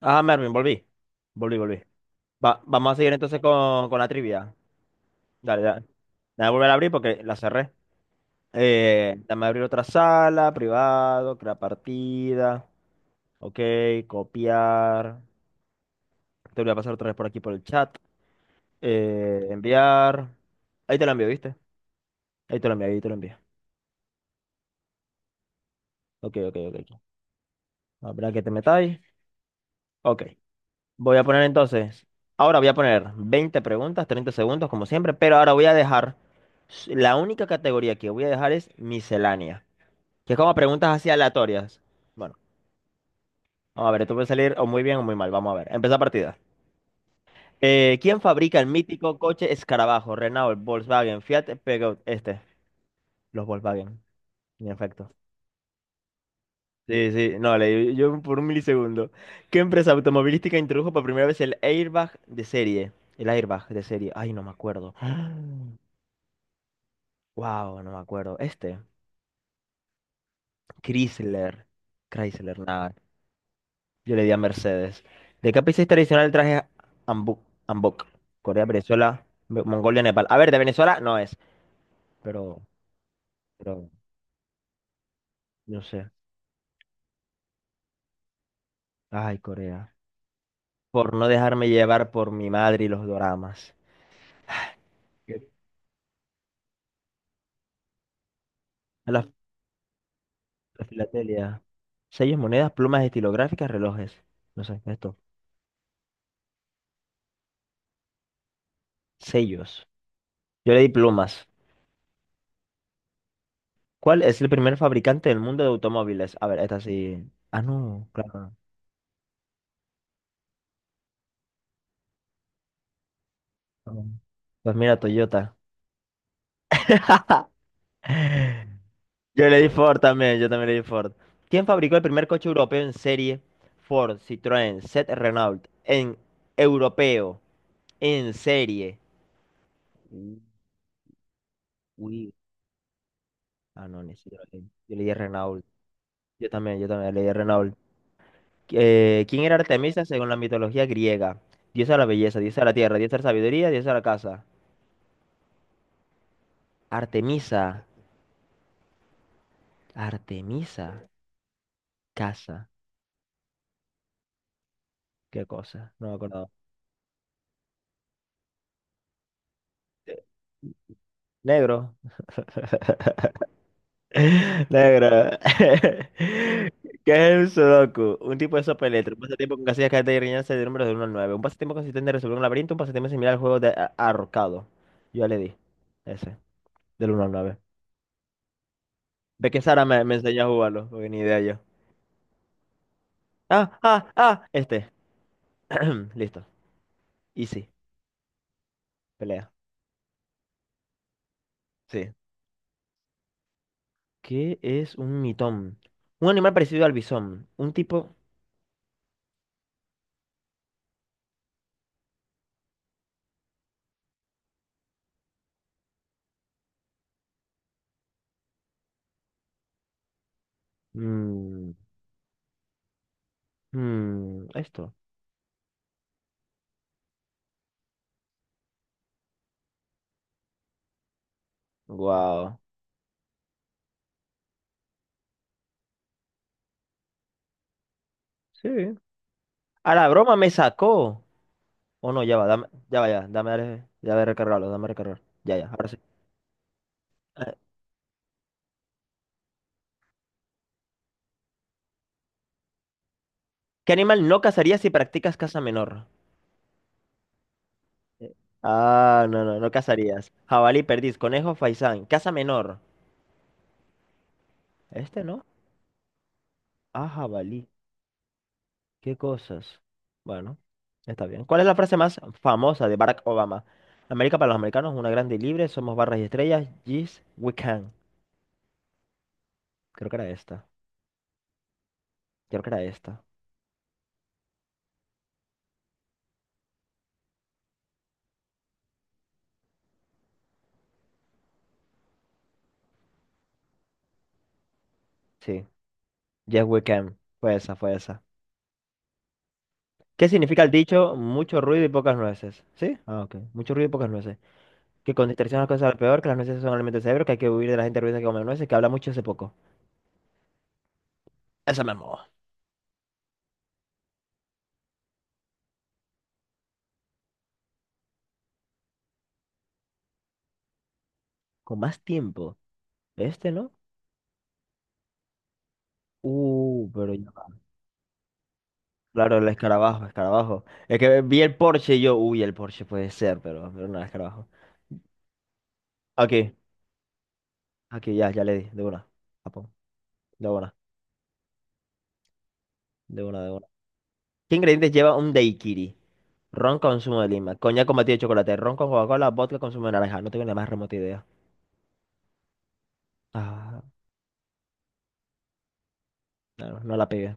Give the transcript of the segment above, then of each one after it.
Ah, Mervin, volví. Volví, volví. Vamos a seguir entonces con la trivia. Dale, dale. Voy a volver a abrir porque la cerré. Dame abrir otra sala, privado, crear partida. Ok, copiar. Te voy a pasar otra vez por aquí por el chat. Enviar. Ahí te lo envío, ¿viste? Ahí te lo envío, ahí te lo envío. Ok, ok, ok. Ok. Habrá que te metáis. Ok. Voy a poner entonces, ahora voy a poner 20 preguntas, 30 segundos como siempre, pero ahora voy a dejar, la única categoría que voy a dejar es miscelánea, que es como preguntas así aleatorias. Bueno, vamos a ver, esto puede salir o muy bien o muy mal, vamos a ver, empieza partida. ¿Quién fabrica el mítico coche Escarabajo? Renault, Volkswagen, Fiat, Peugeot, los Volkswagen, en efecto. Sí, sí, no, leí yo por un milisegundo. ¿Qué empresa automovilística introdujo por primera vez el airbag de serie? El airbag de serie. Ay, no me acuerdo. Wow, no me acuerdo. Chrysler. Chrysler, nada. Yo le di a Mercedes. ¿De qué país es tradicional el traje Hanbok? Hanbok. Corea, Venezuela, Mongolia, Nepal. A ver, de Venezuela no es, pero, pero, no sé. Ay, Corea. Por no dejarme llevar por mi madre y los doramas. ¿Qué? La filatelia. Sellos, monedas, plumas estilográficas, relojes. No sé, esto. Sellos. Yo le di plumas. ¿Cuál es el primer fabricante del mundo de automóviles? A ver, esta sí. Ah, no, claro. No. Pues mira, Toyota. Yo le di Ford también, yo también le di Ford. ¿Quién fabricó el primer coche europeo en serie? Ford, Citroën, Seat, Renault. En europeo, en serie. Uy. Uy. Ah, no, ni siquiera Yo le di Renault. Yo también le di Renault. ¿Quién era Artemisa según la mitología griega? Diosa de la belleza, diosa de la tierra, diosa de la sabiduría, diosa de la casa. Artemisa, Artemisa, casa, qué cosa, no me acuerdo. Negro, negro. ¿Qué es el sudoku? Un tipo de sopa de letras, un pasatiempo con casillas, cartas y rellenarse de números de uno al 9. Un pasatiempo consistente en resolver un laberinto, un pasatiempo similar al juego de ahorcado. Yo ya le di ese, del uno al 9. Ve que Sara me enseñó a jugarlo, porque ni idea yo. Ah, ah, ah, este. Listo. Easy. Pelea. Sí. ¿Qué es un mitón? Un animal parecido al bisón. Un tipo. Mm, mm, esto. Wow. Sí. A la broma me sacó. O no, ya va, dame, ya va, ya. Dame, ya va a recargarlo, dame a recargar. Ya, ya, ahora sí. Eh, ¿Qué animal no cazarías si practicas caza menor? Eh, Ah, no, no, no cazarías. Jabalí, perdiz, conejo, faisán. Caza menor. Este no. Ah, jabalí. ¿Qué cosas? Bueno, está bien. ¿Cuál es la frase más famosa de Barack Obama? América para los americanos, una grande y libre, somos barras y estrellas, yes, we can. Creo que era esta, creo que era esta. Sí, yes, we can. Fue esa, fue esa. ¿Qué significa el dicho mucho ruido y pocas nueces? ¿Sí? Ah, ok. Mucho ruido y pocas nueces. Que con distracción las cosas salen peor, que las nueces son alimento del cerebro, que hay que huir de la gente ruidosa que come nueces, que habla mucho hace poco. Esa me mola. Con más tiempo. Este, ¿no? Pero ya. Claro, el escarabajo, escarabajo. Es que vi el Porsche y yo, uy, el Porsche puede ser, pero no, el escarabajo. Aquí, aquí, ya, ya le di, de una. Japón, de una, de una, de una. ¿Qué ingredientes lleva un daiquiri? Ron con zumo de lima, coñac con batido de chocolate, ron con Coca-Cola, vodka con zumo de naranja. No tengo ni la más remota idea. Ah, no, no la pegué.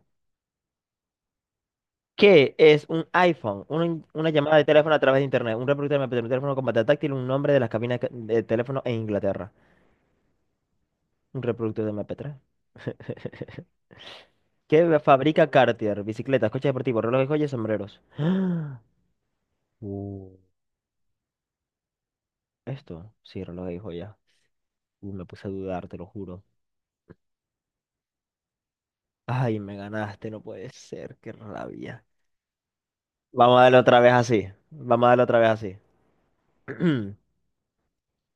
¿Qué es un iPhone? Una llamada de teléfono a través de internet, un reproductor de MP3, un teléfono con pantalla táctil, un nombre de las cabinas de teléfono en Inglaterra. Un reproductor de MP3. ¿Qué fabrica Cartier? Bicicletas, coches deportivos, relojes, joyas, sombreros. Uh, esto, sí, relojes y joyas. Me puse a dudar, te lo juro. Ay, me ganaste, no puede ser, qué rabia. Vamos a darle otra vez así. Vamos a darle otra vez así.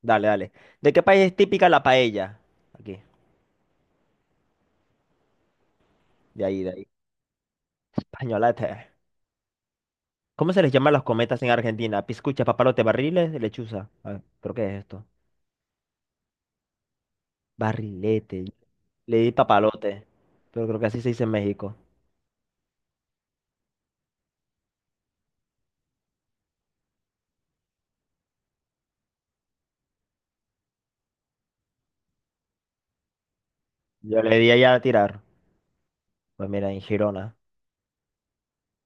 Dale, dale. ¿De qué país es típica la paella? Aquí, de ahí, de ahí. Españolete. ¿Cómo se les llama a los cometas en Argentina? Piscucha, papalote, barriles, lechuza. A ver, ¿pero qué es esto? Barrilete. Le di papalote, pero creo que así se dice en México. Yo le di allá a tirar. Pues mira, en Girona.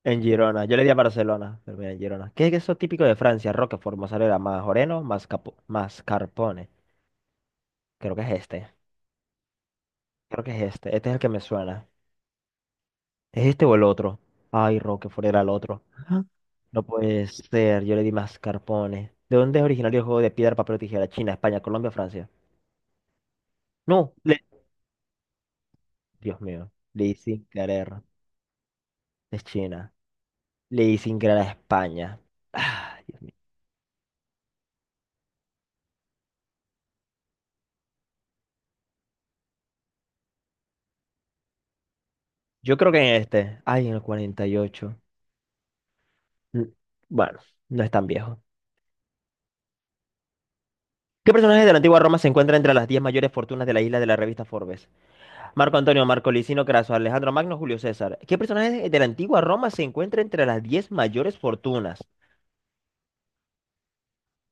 En Girona. Yo le di a Barcelona. Pero mira, en Girona. ¿Qué es eso típico de Francia? Roquefort, mozzarella, majoreno, mascarpone. Creo que es este. Creo que es este. Este es el que me suena. ¿Es este o el otro? Ay, Roquefort era el otro. Ah, no puede ser. Yo le di mascarpone. ¿De dónde es originario el juego de piedra, papel o tijera? China, España, Colombia, Francia. No. Dios mío. Le di sin querer. Es China. Le di sin querer a España. Ah, Dios mío. Yo creo que en este. Ay, en el 48. Mm, Bueno, no es tan viejo. ¿Qué personaje de la antigua Roma se encuentra entre las 10 mayores fortunas de la isla de la revista Forbes? Marco Antonio, Marco Licino Craso, Alejandro Magno, Julio César. ¿Qué personaje de la antigua Roma se encuentra entre las 10 mayores fortunas?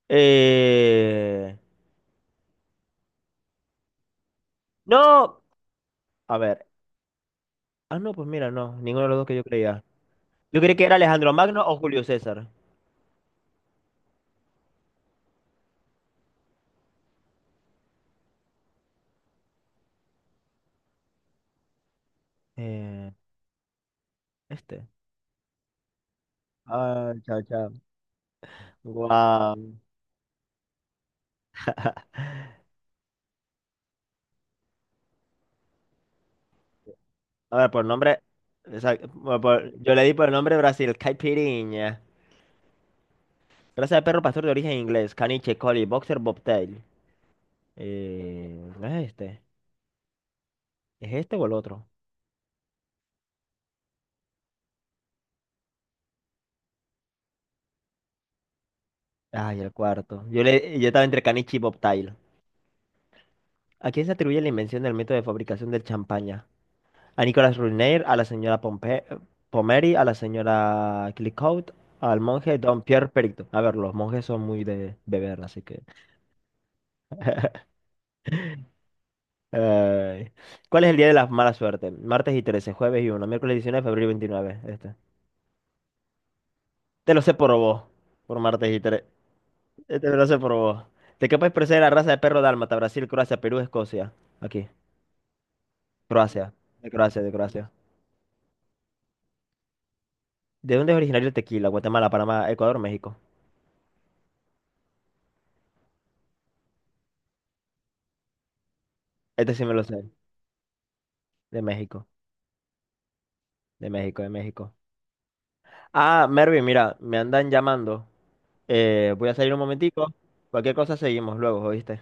Eh... No. A ver. Ah, no, pues mira, no. Ninguno de los dos que yo creía. Yo creí que era Alejandro Magno o Julio César. Eh, este. Ah, chao, chao. Guau. A ver, por nombre. Bueno, yo le di por nombre Brasil, caipirinha. Raza de perro pastor de origen inglés, caniche, collie, boxer, bobtail. ¿No es este? ¿Es este o el otro? Ay, el cuarto. Yo estaba entre caniche y bobtail. ¿A quién se atribuye la invención del método de fabricación del champaña? A Nicolas Ruinier, a la señora Pomeri, a la señora Clicquot, al monje Don Pierre Perito. A ver, los monjes son muy de beber, así que. Ay. ¿Cuál es el día de la mala suerte? Martes y 13, jueves y uno, miércoles 19, febrero y 29. Este. Te lo sé por vos, por martes y 13. Este me lo sé por vos. ¿De qué país procede la raza de perro dálmata? Brasil, Croacia, Perú, Escocia. Aquí, Croacia. De Croacia, de Croacia. ¿De dónde es originario el tequila? Guatemala, Panamá, Ecuador, México. Este sí me lo sé. De México, de México, de México. Ah, Mervin, mira, me andan llamando. Voy a salir un momentico. Cualquier cosa seguimos luego, ¿oíste?